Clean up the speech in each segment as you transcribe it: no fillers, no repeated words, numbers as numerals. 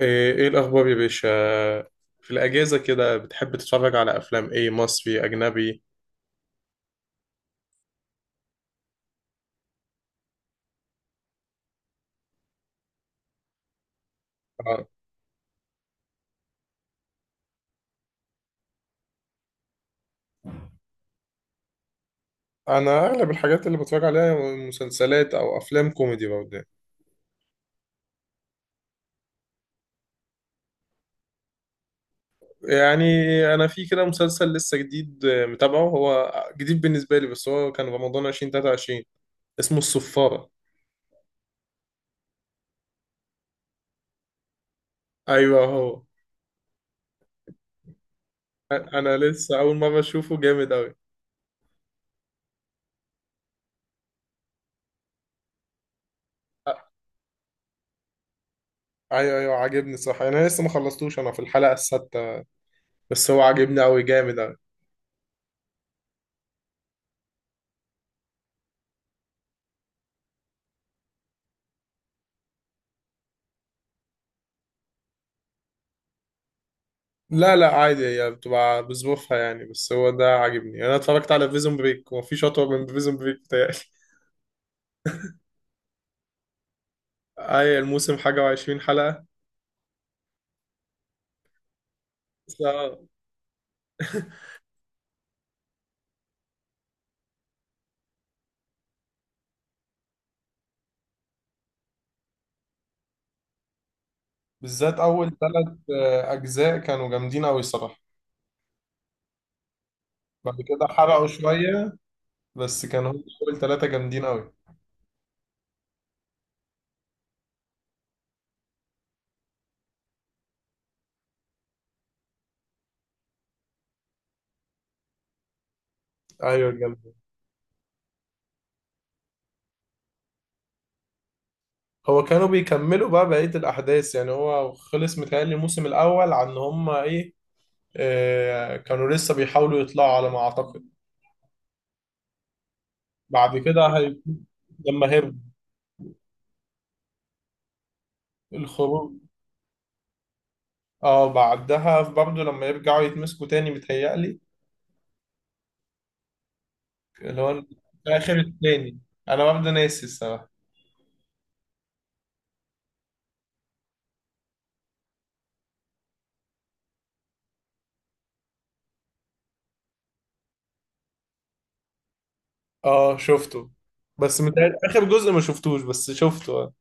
ايه إيه الاخبار يا باشا؟ في الاجازه كده بتحب تتفرج على افلام ايه، مصري اجنبي؟ آه، انا اغلب الحاجات اللي بتفرج عليها مسلسلات او افلام كوميدي برضه. يعني انا في كده مسلسل لسه جديد، متابعه، هو جديد بالنسبه لي بس هو كان رمضان 2023، اسمه الصفاره. ايوه هو. أنا لسه اول مره اشوفه، جامد قوي. ايوه ايوه، عاجبني صح. انا لسه ما خلصتوش، انا في الحلقه السادسه بس هو عاجبني قوي، جامد. لا لا، عادي هي بتبقى بظروفها يعني، بس هو ده عاجبني يعني. انا اتفرجت على بريزون بريك ومفيش اطول من بريزون بريك بتاعي اي، الموسم حاجه وعشرين حلقه. بس- آه، بالذات اول ثلاث اجزاء كانوا جامدين قوي الصراحه. بعد كده حرقوا شويه بس كانوا هم اول ثلاثه جامدين قوي. ايوه جامد. هو كانوا بيكملوا بقى بقيه الاحداث يعني. هو خلص متهيألي الموسم الاول، عن هم ايه، آه كانوا لسه بيحاولوا يطلعوا على ما اعتقد. بعد كده هي... لما هرب، الخروج. اه بعدها برضه لما يرجعوا يتمسكوا تاني بيتهيألي اللي هو آخر التاني. أنا برضه ناسي الصراحة. اه شفته، بس متهيألي آخر جزء ما شفتوش، بس شفته اه.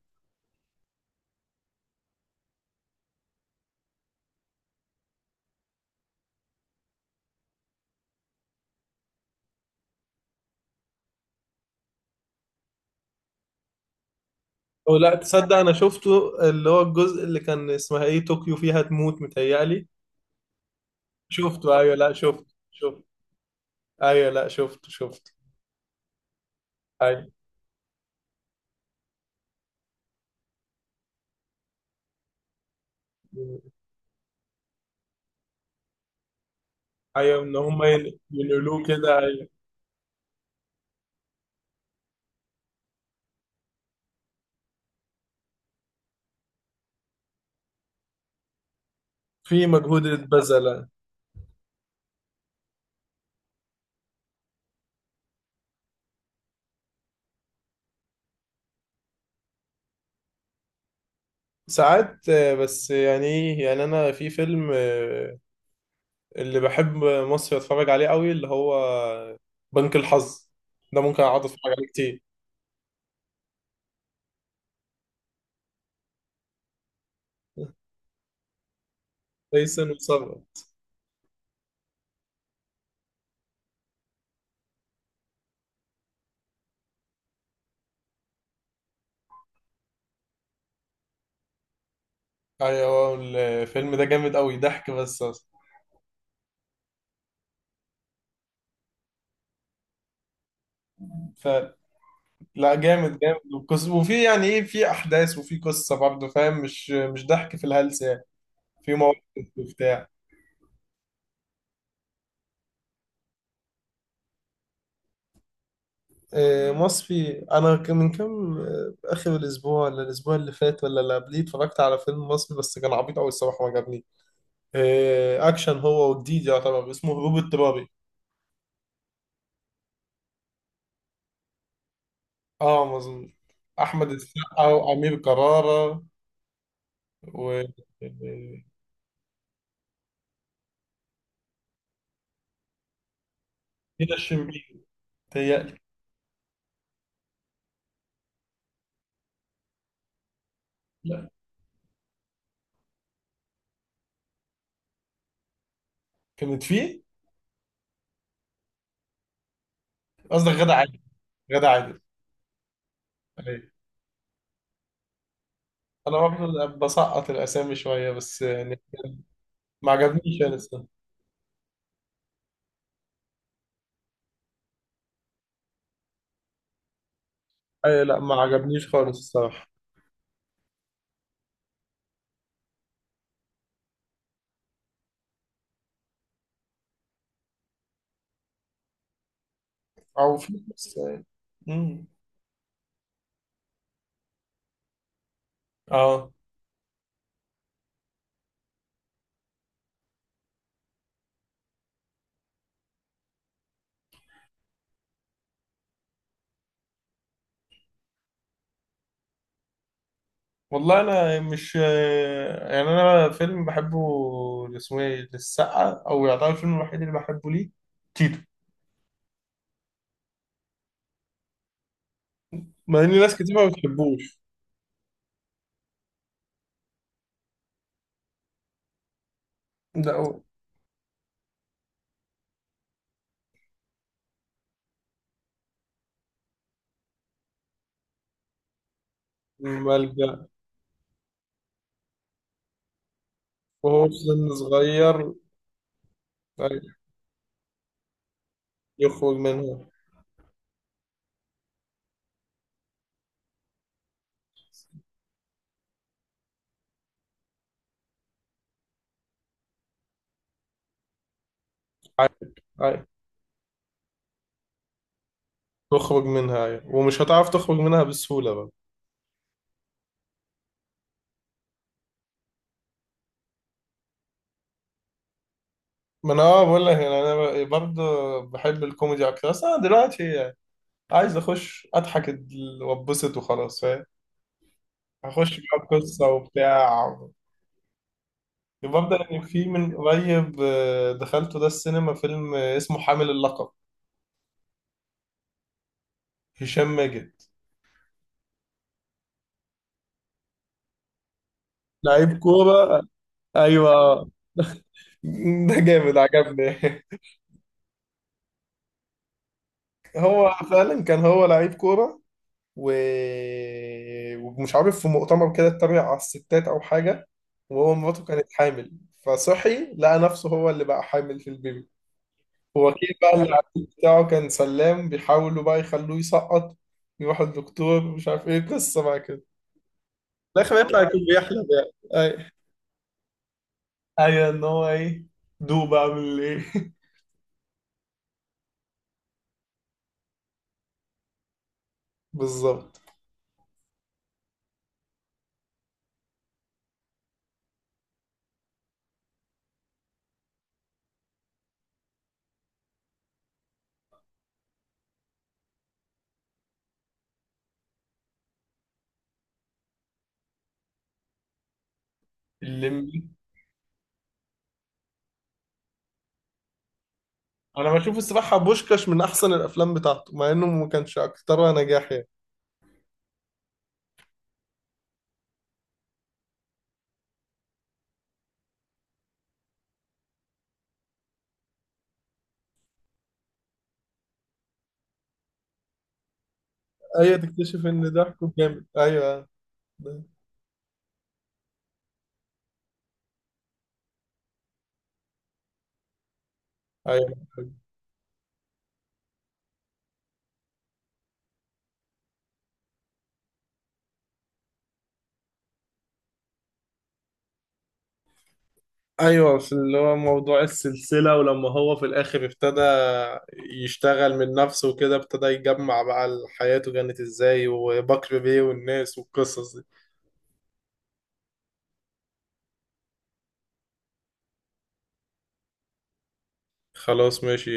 أو لا تصدق، أنا شفته اللي هو الجزء اللي كان اسمها إيه، طوكيو فيها تموت متهيألي. شفته أيوه، لا شفته شفته أيوه لا، شفته أيوه أيوه. إن هما ينقلوه كده أيوه، في مجهود اتبذل. ساعات بس يعني ايه، يعني انا في فيلم اللي بحب مصري اتفرج عليه قوي اللي هو بنك الحظ، ده ممكن اقعد اتفرج عليه كتير. تايسون وصبري. ايوه الفيلم ده جامد قوي، ضحك بس اصلا. ف لا جامد جامد، وفي يعني ايه، في احداث وفي قصه برضه فاهم، مش ضحك في الهلس يعني، في مواقف وبتاع. مصفي، انا كان من كام اخر الاسبوع ولا الاسبوع اللي فات ولا اللي قبليه، اتفرجت على فيلم مصري بس كان عبيط قوي الصراحه ما عجبني. اكشن، هو وجديد يعتبر، اسمه هروب اضطراري. اه مظبوط، احمد السقا وامير كرارة و هنا الشربيني تهيألي. لا كانت فيه. قصدك غادة عادل. غادة عادل. أيوة. انا برضه بسقط الاسامي شويه بس يعني ما عجبنيش انا الصراحه. اي لا، ما عجبنيش خالص الصراحه. او في بس. امم اه. والله انا مش، يعني انا فيلم بحبه اللي اسمه ايه للسقا، او يعتبر الفيلم الوحيد اللي بحبه، ليه، تيتو. مع ان ناس كتير ما بتحبوش. لا. ملجأ، وهو في سن صغير. أيوة، يخرج منها. عادي عادي، يخرج منها أيوة. ومش هتعرف تخرج منها بسهولة بقى. ما انا اه بقول لك يعني، انا برضه بحب الكوميدي اكتر بس انا دلوقتي يعني عايز اخش اضحك واتبسط وخلاص فاهم، هخش بقى قصة وبتاع. برضه يعني في من قريب دخلته ده السينما فيلم اسمه حامل اللقب. هشام ماجد. لعيب كورة، ايوه ده جامد عجبني. هو فعلا كان هو لعيب كورة و... ومش عارف في مؤتمر كده اتريق على الستات أو حاجة، وهو مراته كانت حامل، فصحي لقى نفسه هو اللي بقى حامل في البيبي، ووكيل بقى العيال بتاعه كان سلام، بيحاولوا بقى يخلوه يسقط، يروح الدكتور، مش عارف ايه قصة بقى كده. في الآخر يطلع يكون بيحلم، يعني أيوة إن هو إيه، دوب أعمل إيه بالظبط. الليمبي. أنا بشوف الصراحة بوشكاش من أحسن الأفلام بتاعته مع إنه ما كانش أكترها نجاح يعني. ايوه تكتشف ان ضحكه جامد، ايوه. ايوه ايوه، في اللي هو موضوع السلسله، ولما هو في الاخر ابتدى يشتغل من نفسه وكده، ابتدى يجمع بقى حياته كانت ازاي وبكر بيه والناس والقصص دي. خلاص ماشي،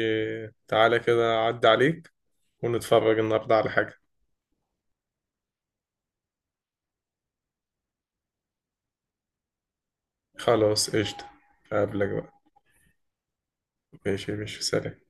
تعالى كده عدي عليك ونتفرج النهارده على حاجه. خلاص قشطه، اقابلك بقى. ماشي ماشي، سلام.